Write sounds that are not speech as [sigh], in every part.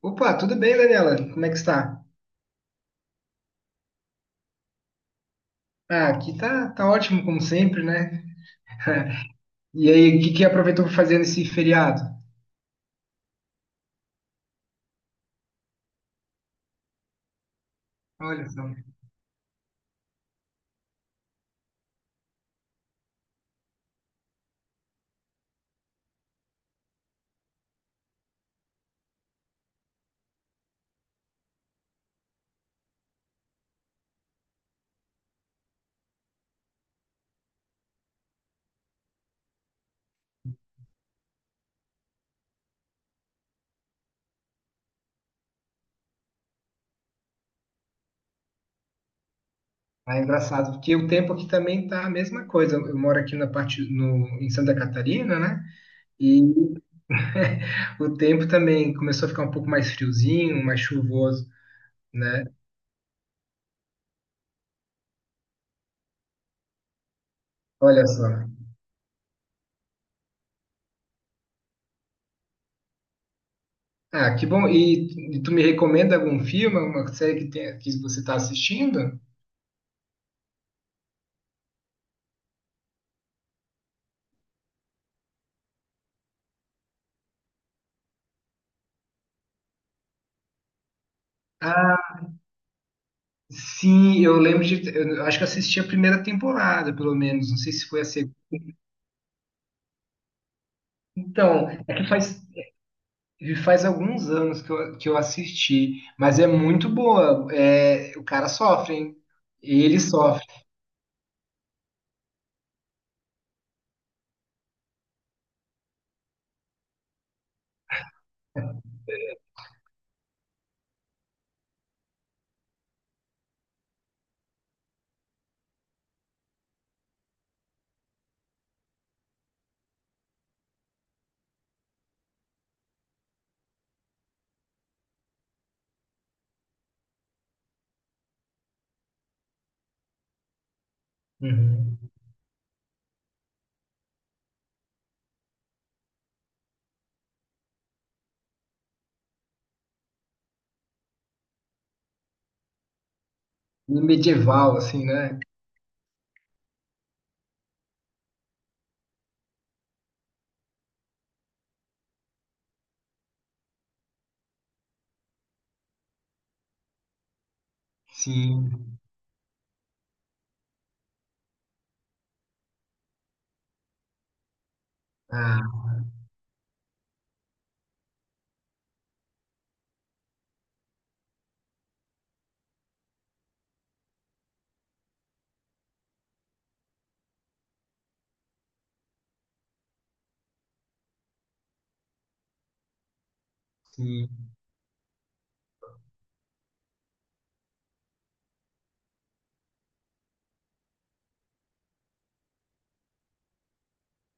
Opa, tudo bem, Daniela? Como é que está? Ah, aqui tá ótimo, como sempre, né? [laughs] E aí, o que que aproveitou para fazer nesse feriado? Olha só. Ah, é engraçado, porque o tempo aqui também tá a mesma coisa. Eu moro aqui na parte, no, em Santa Catarina, né? E [laughs] o tempo também começou a ficar um pouco mais friozinho, mais chuvoso, né? Olha só. Ah, que bom. E tu me recomenda algum filme, alguma série que você está assistindo? Ah, sim, eu lembro de. Eu acho que eu assisti a primeira temporada, pelo menos. Não sei se foi a segunda. Então, faz alguns anos que eu assisti, mas é muito boa. É, o cara sofre, hein? Ele sofre. Uhum. E medieval, assim, né? Sim. Ah, sim.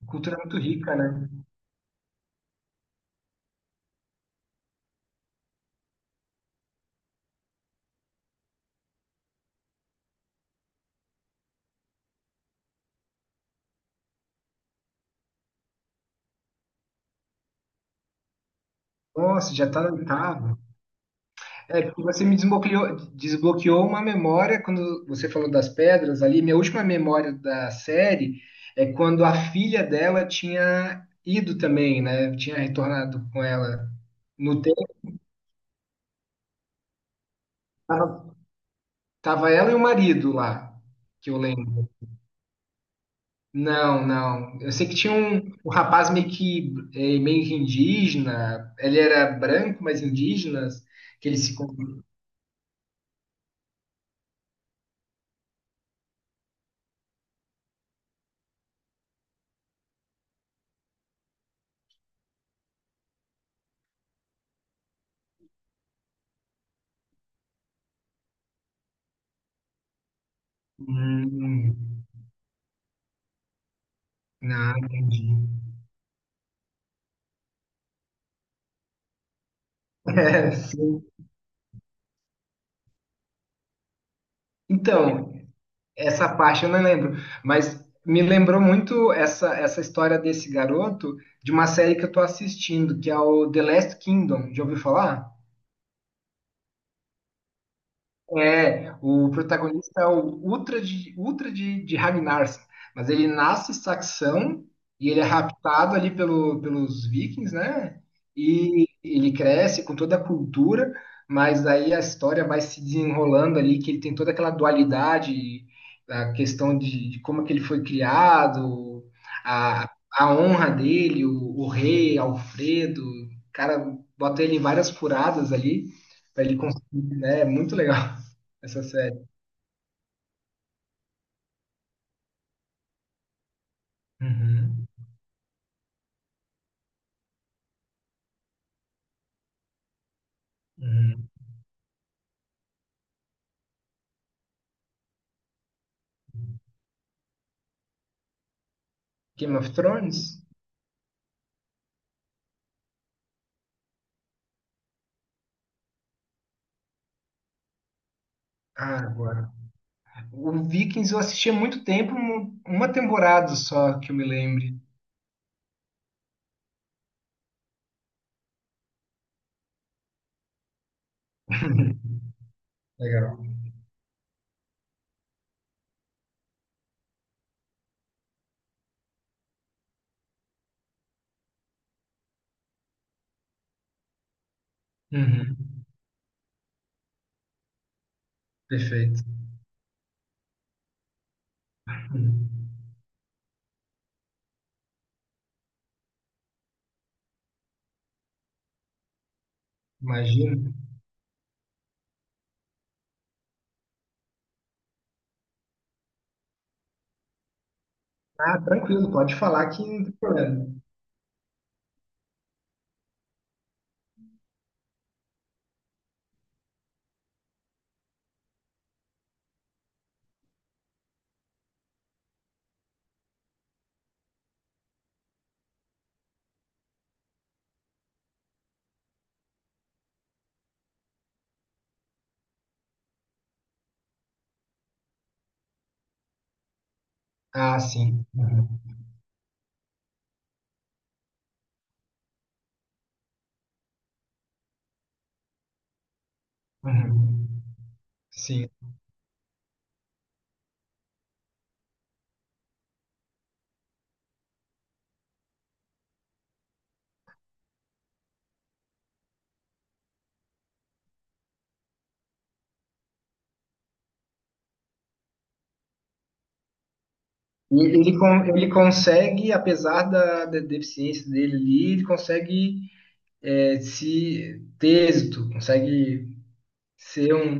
Cultura muito rica, né? Nossa, já tá na oitava. É, porque você me desbloqueou uma memória quando você falou das pedras ali. Minha última memória da série é quando a filha dela tinha ido também, né? Tinha retornado com ela. No tempo, tava, tava ela e o marido lá, que eu lembro. Não, não. Eu sei que tinha um rapaz meio que, meio que indígena. Ele era branco, mas indígena, que ele se... con- hum, não, entendi. [laughs] É, sim. Então, essa parte eu não lembro, mas me lembrou muito essa história desse garoto de uma série que eu tô assistindo, que é o The Last Kingdom. Já ouviu falar? É, o protagonista é o Ultra de Ragnarsson, mas ele nasce saxão e ele é raptado ali pelos vikings, né? E ele cresce com toda a cultura, mas aí a história vai se desenrolando ali, que ele tem toda aquela dualidade, a de como que ele foi criado, a honra dele, o rei Alfredo, o cara bota ele em várias furadas ali, para ele conseguir, né? É muito legal essa série. Uhum, uhum. Game of Thrones? Ah, agora. O Vikings eu assisti há muito tempo, uma temporada só que eu me lembre. [laughs] Legal, uhum, perfeito, uhum. Imagina. Ah, tranquilo, pode falar que não tem problema. Ah, sim, uhum, uhum, sim. E ele, ele consegue, apesar da deficiência dele ali, ele consegue, é, se ter êxito, consegue ser um.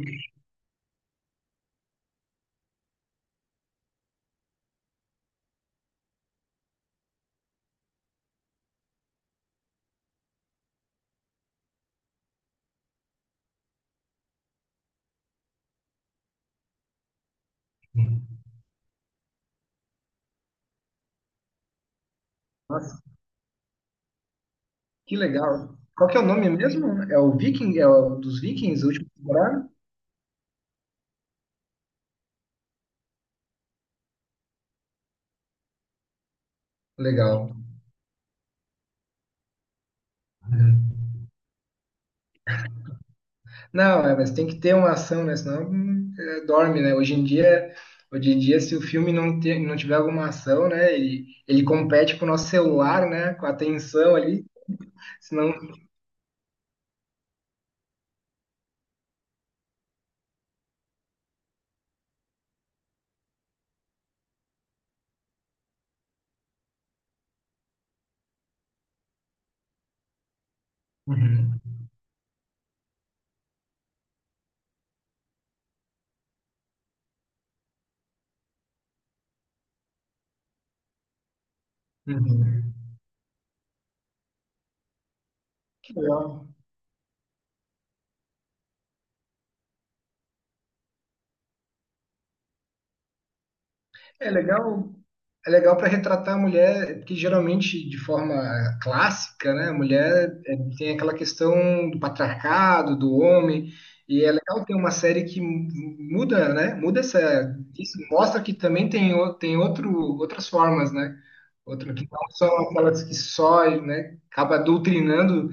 Nossa, que legal. Qual que é o nome mesmo? É o Viking, é o dos Vikings, a última temporada? Legal. Não, é, mas tem que ter uma ação, né? Senão é, dorme, né? Hoje em dia, se o filme não tiver alguma ação, né? Ele compete com o nosso celular, né? Com a atenção ali, senão. Uhum, uhum. Que legal. É legal, é legal para retratar a mulher, porque geralmente de forma clássica, né, a mulher é, tem aquela questão do patriarcado, do homem, e é legal ter uma série muda, né, muda essa, isso mostra que também tem, tem outro, outras formas, né, outro, que não são aquelas que só, né, acaba doutrinando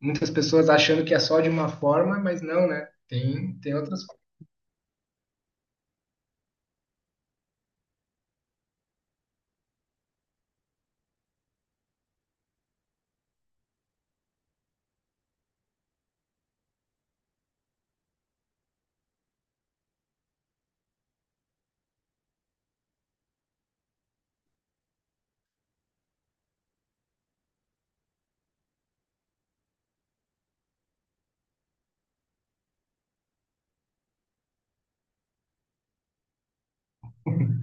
muitas pessoas achando que é só de uma forma, mas não, né, tem, tem outras formas.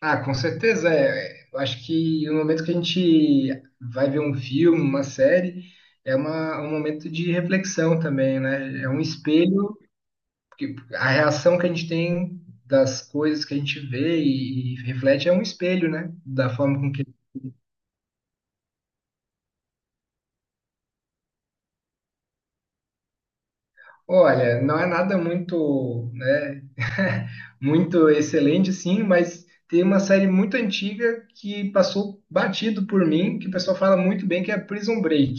Ah, com certeza é. Eu acho que no momento que a gente vai ver um filme, uma série, é uma, um momento de reflexão também, né? É um espelho, porque a reação que a gente tem das coisas que a gente vê e reflete é um espelho, né? Da forma com que. Olha, não é nada muito, né? [laughs] Muito excelente, sim, mas tem uma série muito antiga que passou batido por mim, que o pessoal fala muito bem, que é Prison Break.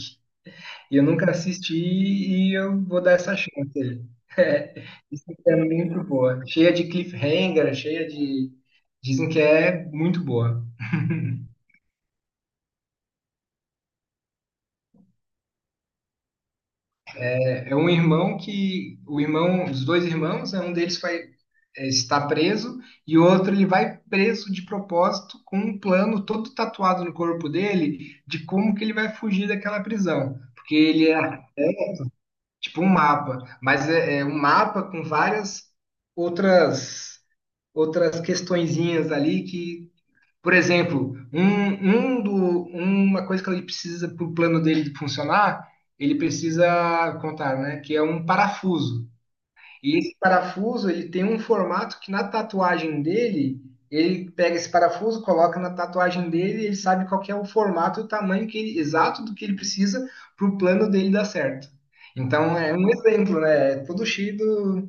E eu nunca assisti e eu vou dar essa chance aí. [laughs] É, isso é muito boa. Cheia de cliffhanger, cheia de. Dizem que é muito boa. É um irmão que. O irmão, os dois irmãos, é um deles vai, é, está preso e o outro ele vai preso de propósito com um plano todo tatuado no corpo dele de como que ele vai fugir daquela prisão. Porque ele é tipo um mapa, mas é, é um mapa com várias outras outras questõezinhas ali que, por exemplo, um do, uma coisa que ele precisa para o plano dele funcionar, ele precisa contar, né? Que é um parafuso. E esse parafuso ele tem um formato que na tatuagem dele ele pega esse parafuso, coloca na tatuagem dele, e ele sabe qual que é o formato, o tamanho exato do que ele precisa para o plano dele dar certo. Então é um exemplo, né? É todo cheio de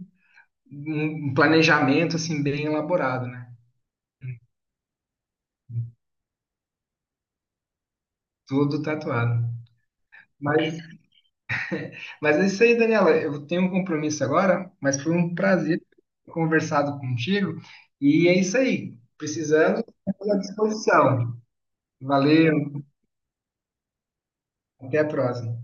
um planejamento assim bem elaborado, né? Tudo tatuado. Mas, mas é isso aí, Daniela. Eu tenho um compromisso agora, mas foi um prazer ter conversado contigo. E é isso aí. Precisando, estou à disposição. Valeu, até a próxima.